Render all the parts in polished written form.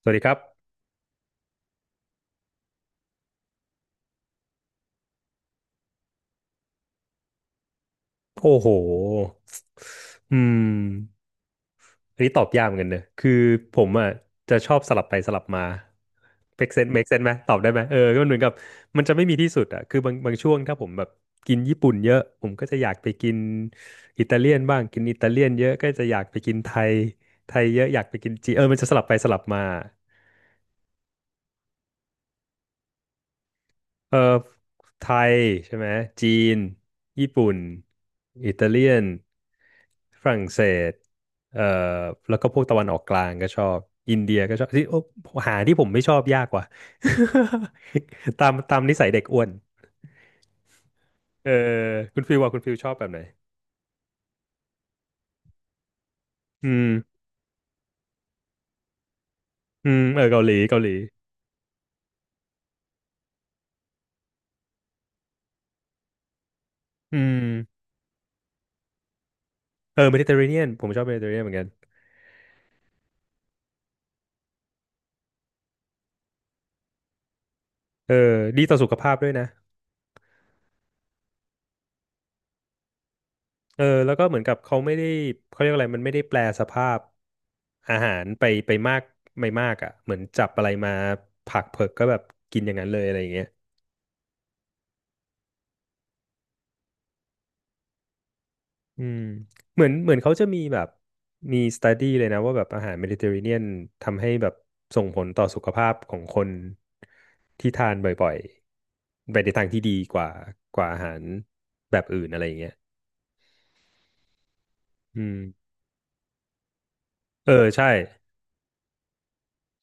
สวัสดีครับโอ้โหอืมอันนี้ตอบยากเหมือนกันเนอะคือผมอ่ะจะชอบสลับไปสลับมาเมคเซนไหมตอบได้ไหมเออก็มันเหมือนกับมันจะไม่มีที่สุดอ่ะคือบางช่วงถ้าผมแบบกินญี่ปุ่นเยอะผมก็จะอยากไปกินอิตาเลียนบ้างกินอิตาเลียนเยอะก็จะอยากไปกินไทยไทยเยอะอยากไปกินจีนเออมันจะสลับไปสลับมา เออไทยใช่ไหมจีนญี่ปุ่นอิตาเลียนฝรั่งเศสเอ่อแล้วก็พวกตะวันออกกลางก็ชอบอินเดียก็ชอบที่โอ้หาที่ผมไม่ชอบยากกว่า ตามนิสัยเด็กอ้วนเออคุณฟิลว่าคุณฟิลชอบแบบไหนอืมเออเกาหลีอืมเออเมดิเตอร์เรเนียนผมชอบเมดิเตอร์เรเนียนเหมือนกันเออดีต่อสุขภาพด้วยนะ เออแล้วก็เหมือนกับเขาไม่ได้เขาเรียกอะไรมันไม่ได้แปลสภาพอาหารไปไปมากไม่มากอ่ะเหมือนจับอะไรมาผักเผือกก็แบบกินอย่างนั้นเลยอะไรอย่างเงี้ยอืมเหมือนเขาจะมีแบบมีสต u ดี้เลยนะว่าแบบอาหารเมดิเตอร์เรเนียนทำให้แบบส่งผลต่อสุขภาพของคนที่ทานบ่อยๆไปในทางที่ดีกว่ากว่าอาหารแบบอื่นอะไรอย่างเงี้ยอืมเออใช่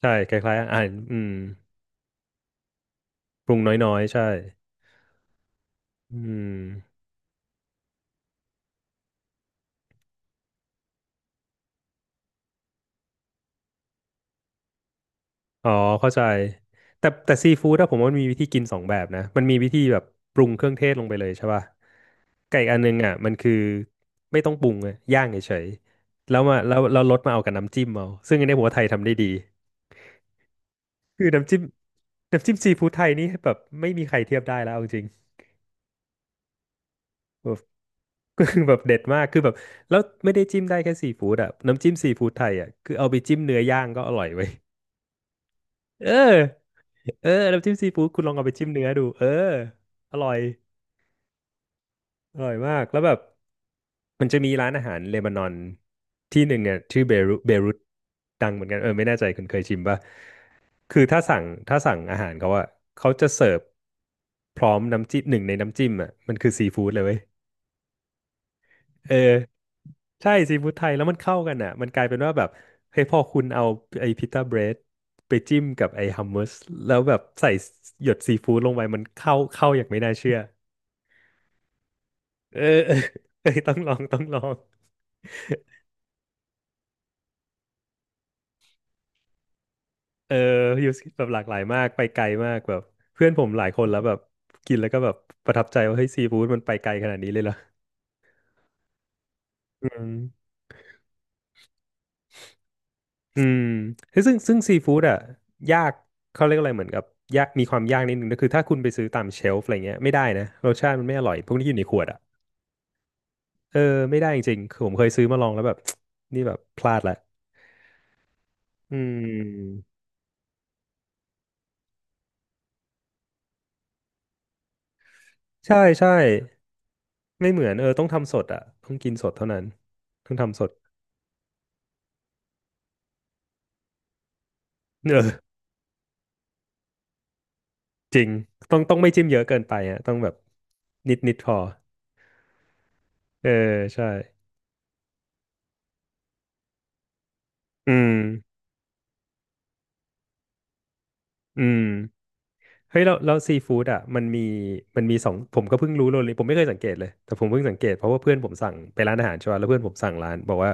ใช่คล้ายๆอาหารปรุงน้อยๆใช่อืม อ๋อเข้าใจแต่แต่ซีฟู้ดอะผมว่ามันมีวิธีกินสองแบบนะมันมีวิธีแบบปรุงเครื่องเทศลงไปเลยใช่ป่ะไก่อกอันนึงอะมันคือไม่ต้องปรุงอะย่างเฉยๆแล้วมาแล้วเราลดมาเอากับน้ำจิ้มเอาซึ่งอันนี้ผมว่าไทยทำได้ดีคือน้ำจิ้มน้ำจิ้มซีฟู้ดไทยนี่แบบไม่มีใครเทียบได้แล้วเอาจริงแบบ ก็คือแบบเด็ดมากคือแบบแล้วไม่ได้จิ้มได้แค่ซีฟู้ดอะน้ำจิ้มซีฟู้ดไทยอะคือเอาไปจิ้มเนื้อย่างก็อร่อยเว้ยเออเออน้ำจิ้มซีฟู้ดคุณลองเอาไปจิ้มเนื้อดูเอออร่อย อร่อยมากแล้วแบบมันจะมีร้านอาหารเลบานอนที่หนึ่งเนี่ยชื่อเบรุตดังเหมือนกันเออไม่แน่ใจคุณเคยชิมป่ะคือถ้าสั่งอาหารเขาอะเขาจะเสิร์ฟพร้อมน้ำจิ้มหนึ่งในน้ำจิ้มอะมันคือซีฟู้ดเลยเว้ยเออใช่ซีฟู้ดไทยแล้วมันเข้ากันอะมันกลายเป็นว่าแบบเฮ้ยพอคุณเอาไอ้พิต้าเบรดไปจิ้มกับไอ้ฮัมมัสแล้วแบบใส่หยดซีฟู้ดลงไปมันเข้าอย่างไม่น่าเชื่อเออเออเออต้องลอง เออยู่แบบหลากหลายมาก ไปไกลมากแบบเพื่อนผมหลายคนแล้วแบบกินแล้วก็แบบประทับใจว่าเฮ้ยซีฟู้ดมันไปไกลขนาดนี้เลยเหรออืมอืมเฮ้ยซึ่งซีฟู้ดอ่ะยากเขาเรียกอะไรเหมือนกับยากมีความยากนิดนึงก็คือถ้าคุณไปซื้อตามเชลฟ์อะไรเงี้ยไม่ได้นะรสชาติมันไม่อร่อยพวกนี้อยู่ในขวดอ่ะเออไม่ได้จริงๆคือผมเคยซื้อมาลองแล้วแบบ นี่แบบพลาดละอืมใช่ใช่ไม่เหมือนเออต้องทำสดอ่ะต้องกินสดเท่านั้นต้องทำสดเออ จริง ต้องไม่จิ้มเยอะเกินไปอ่ะต้องแบบนิดนิดพอเออใช่อืมอืมเฮ้ยแล้วซีฟู้ดอ่ะมันมีสองผมก็เพิ่งรู้เลยผมไม่เคยสังเกตเลย แต่ผมเพิ่งสังเกตเพราะว่าเพื่อนผมสั่งไปร้านอาหารใช่ป่ะแล้วเพื่อนผมสั่งร้านบอกว่า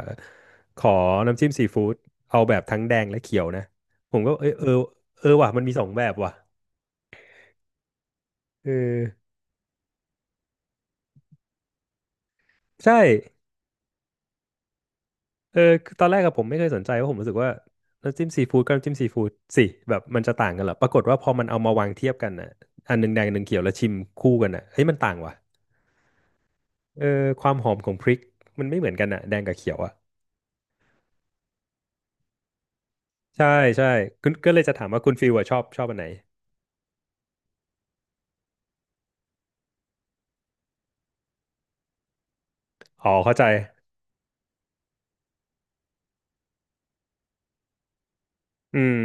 ขอน้ำจิ้มซีฟู้ดเอาแบบทั้งแดงและเขียวนะ ผมก็เออเออเออว่ะ มันมีสองแบบว่ะเออใช่ เออคือตอนแรกอะผมไม่เคยสนใจเพราะผมรู้สึกว่าน้ำจิ้มซีฟู้ดกับน้ำจิ้มซีฟู้ดสิแบบมันจะต่างกันเหรอปรากฏว่าพอมันเอามาวางเทียบกันน่ะอันหนึ่งแดงอันหนึ่งเขียวแล้วชิมคู่กันน่ะเฮ้ยมันต่างว่ะเออความหอมของพริกมันไม่เหมือนกันน่ะแดงกับเขียวอะใช่ใช่คุณก็เลยจะถามว่าคุณฟิลอะชอบชอบอันไหนอ๋อเข้าใจอืม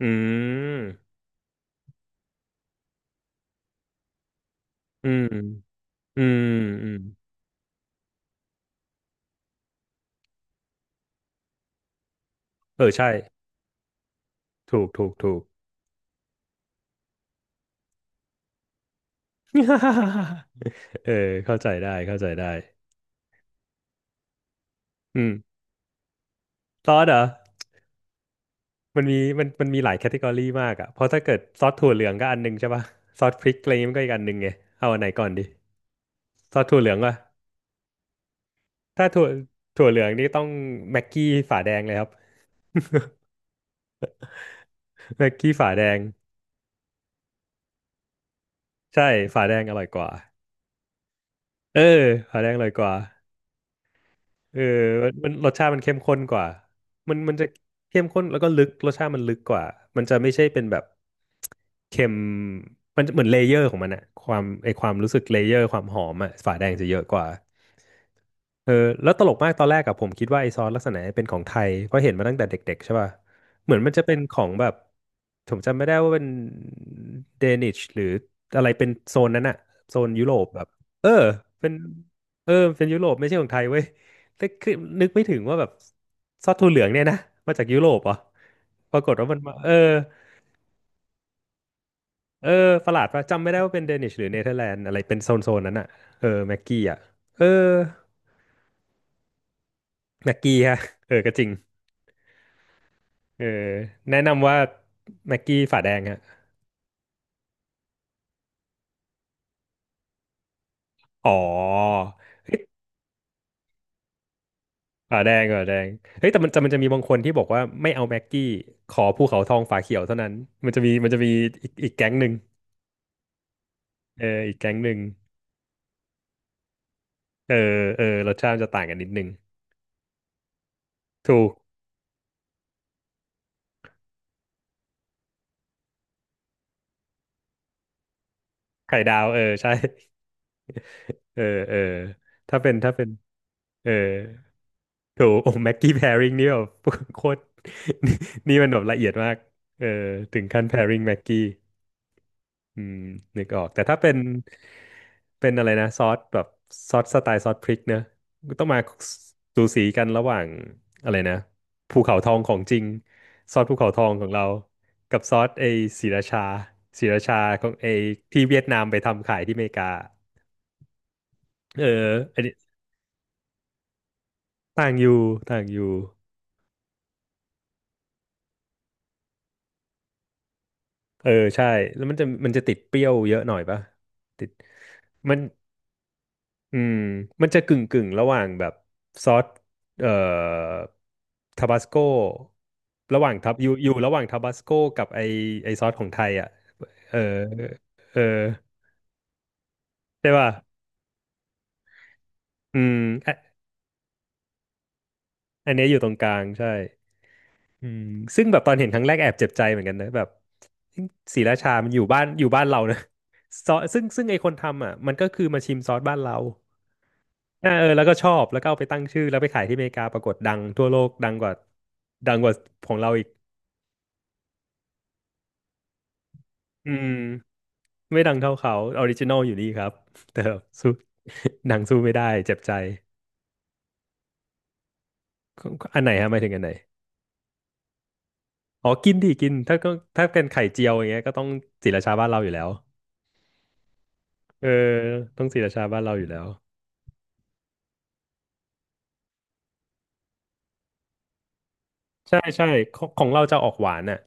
อืมอืมอืมอืมเออใช่ถูกถูกถูก เออเข้าใจได้เข้าใจได้อืมซอสเหรอ มันมีหลายแคตตากรีมากอ่ะเพราะถ้าเกิดซอสถั่วเหลืองก็อันหนึงใช่ป่ะซอสพริกอะไรอย่างงี้มันก็อีกอันหนึงไงเอาอันไหนก่อนดีซอสถั่วเหลืองป่ะถ้าถั่วเหลืองนี่ต้องแม็กกี้ฝาแดงเลยครับ แม็กกี้ฝาแดงใช่ฝาแดงอร่อยกว่าเออฝาแดงอร่อยกว่า เออมันรสชาติมันเข้มข้นกว่ามันจะเข้มข้นแล้วก็ลึกรสชาติมันลึกกว่า มันจะไม่ใช่เป็นแบบเค็มมันจะเหมือนเลเยอร์ของมันอะความไอความรู้สึกเลเยอร์ความหอมอะฝาแดงจะเยอะกว่า เออแล้วตลกมากตอนแรกอะผมคิดว่าไอซอสลักษณะเนี้ยเป็นของไทยเพราะเห็นมาตั้งแต่เด็กๆใช่ป่ะเหมือนมันจะเป็นของแบบผมจำไม่ได้ว่าเป็นเดนิชหรืออะไรเป็นโซนนั้นอะโซนยุโรปแบบเออเป็นเออเป็นยุโรปไม่ใช่ของไทยเว้ยแต่คือนึกไม่ถึงว่าแบบซอสถั่วเหลืองเนี่ยนะมาจากยุโรปเหรอ่ะปรากฏว่ามันมาเออเออประหลาดป่ะจำไม่ได้ว่าเป็นเดนิชหรือเนเธอร์แลนด์อะไรเป็นโซนนั้นอะเออแม็กกี้อะเออแม็กกี้ฮะเออก็จริง เออแนะนำว่าแม็กกี้ฝาแดงฮะอ๋อเฮ้ยฝาแดงฝาแดงเฮ้ยแต่มันจะมีบางคนที่บอกว่าไม่เอาแม็กกี้ขอภูเขาทองฝาเขียวเท่านั้นมันจะมีมันจะมีอีกแก๊งหนึ่งเอออีกแก๊งหนึ่งเออเออรสชาติมันจะต่างกันนิดนึงถูกไข่ดาวเออใช่เออเออถ้าเป็นเออถูกโอ้แม็กกี้แพริงนี่แบบ โคตรนี่นี่มันแบบละเอียดมากเออถึงขั้นแพริงแม็กกี้ อืมนึกออกแต่ถ้าเป็นเป็นอะไรนะซอสแบบซอสสไตล์ซอสพริกเนอะก็ต้องมาสูสีกันระหว่างอะไรนะภูเขาทองของจริงซอสภูเขาทองของเรากับซอสไอศรีราชาศรีราชาของไอที่เวียดนามไปทำขายที่อเมริกาเอออันนี้ต่างอยู่ต่างอยู่เออใช่แล้วมันจะติดเปรี้ยวเยอะหน่อยปะติดมัน อืมมันจะกึ่งระหว่างแบบซอสเอ่อทาบาสโกระหว่างทับอยู่ระหว่างทาบาสโกกับไอซอสของไทยอ่ะเออเออใช่ป่ะอืมอะอันเนี้ยอยู่ตรงกลางใช่อืมซึ่งแบบตอนเห็นครั้งแรกแอบเจ็บใจเหมือนกันนะแบบศรีราชามันอยู่บ้านเรานะ ซอสซึ่งไอคนทำอ่ะมันก็คือมาชิมซอสบ้านเราอ่าเออแล้วก็ชอบแล้วก็เอาไปตั้งชื่อแล้วไปขายที่อเมริกาปรากฏดังทั่วโลกดังกว่าดังกว่าของเราอีก อืมไม่ดังเท่าเขาออริจินอลอยู่นี่ครับ แต่สู้ หนังสู้ไม่ได้เจ็บใจอันไหนฮะหมายถึงอันไหนอ๋อกินดิกินถ้าก็ถ้าเป็นไข่เจียวอย่างเงี้ยก็ต้องศรีราชาบ้านเราอยู่แล้วเออต้องศรีราชาบ้านเราอยู่แล้วใช่ใช่ของของเราจะออกหวานอ่ะ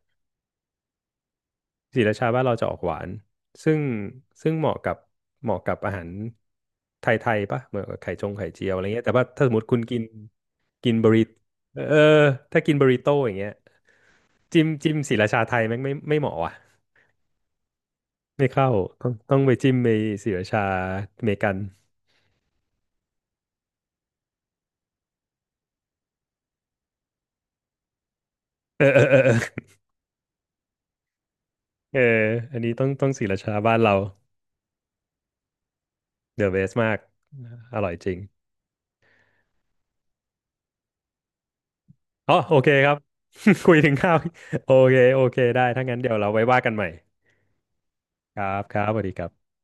ศรีราชาบ้านเราจะออกหวานซึ่งซึ่งเหมาะกับเหมาะกับอาหารไทยๆปะเหมือนกับไข่จงไข่เจียวอะไรเงี้ยแต่ว่าถ้าสมมติคุณกินกินบริเออถ้ากินบริโต้อย่างเงี้ยจิ้มศรีราชาไทยแม่งไม่เหมาะว่ะไม่เข้าต้องไปจิ้มไปศรีราชาอเมริกันเออเออเออเออเอออันนี้ต้องศรีราชาบ้านเราเดอะเบสมากอร่อยจริงอ๋อโอเคครับ คุยถึงข้าวโอเคโอเคได้ถ้างั้นเดี๋ยวเราไว้ว่ากันใหม่ ครับครับสวัสดีครับ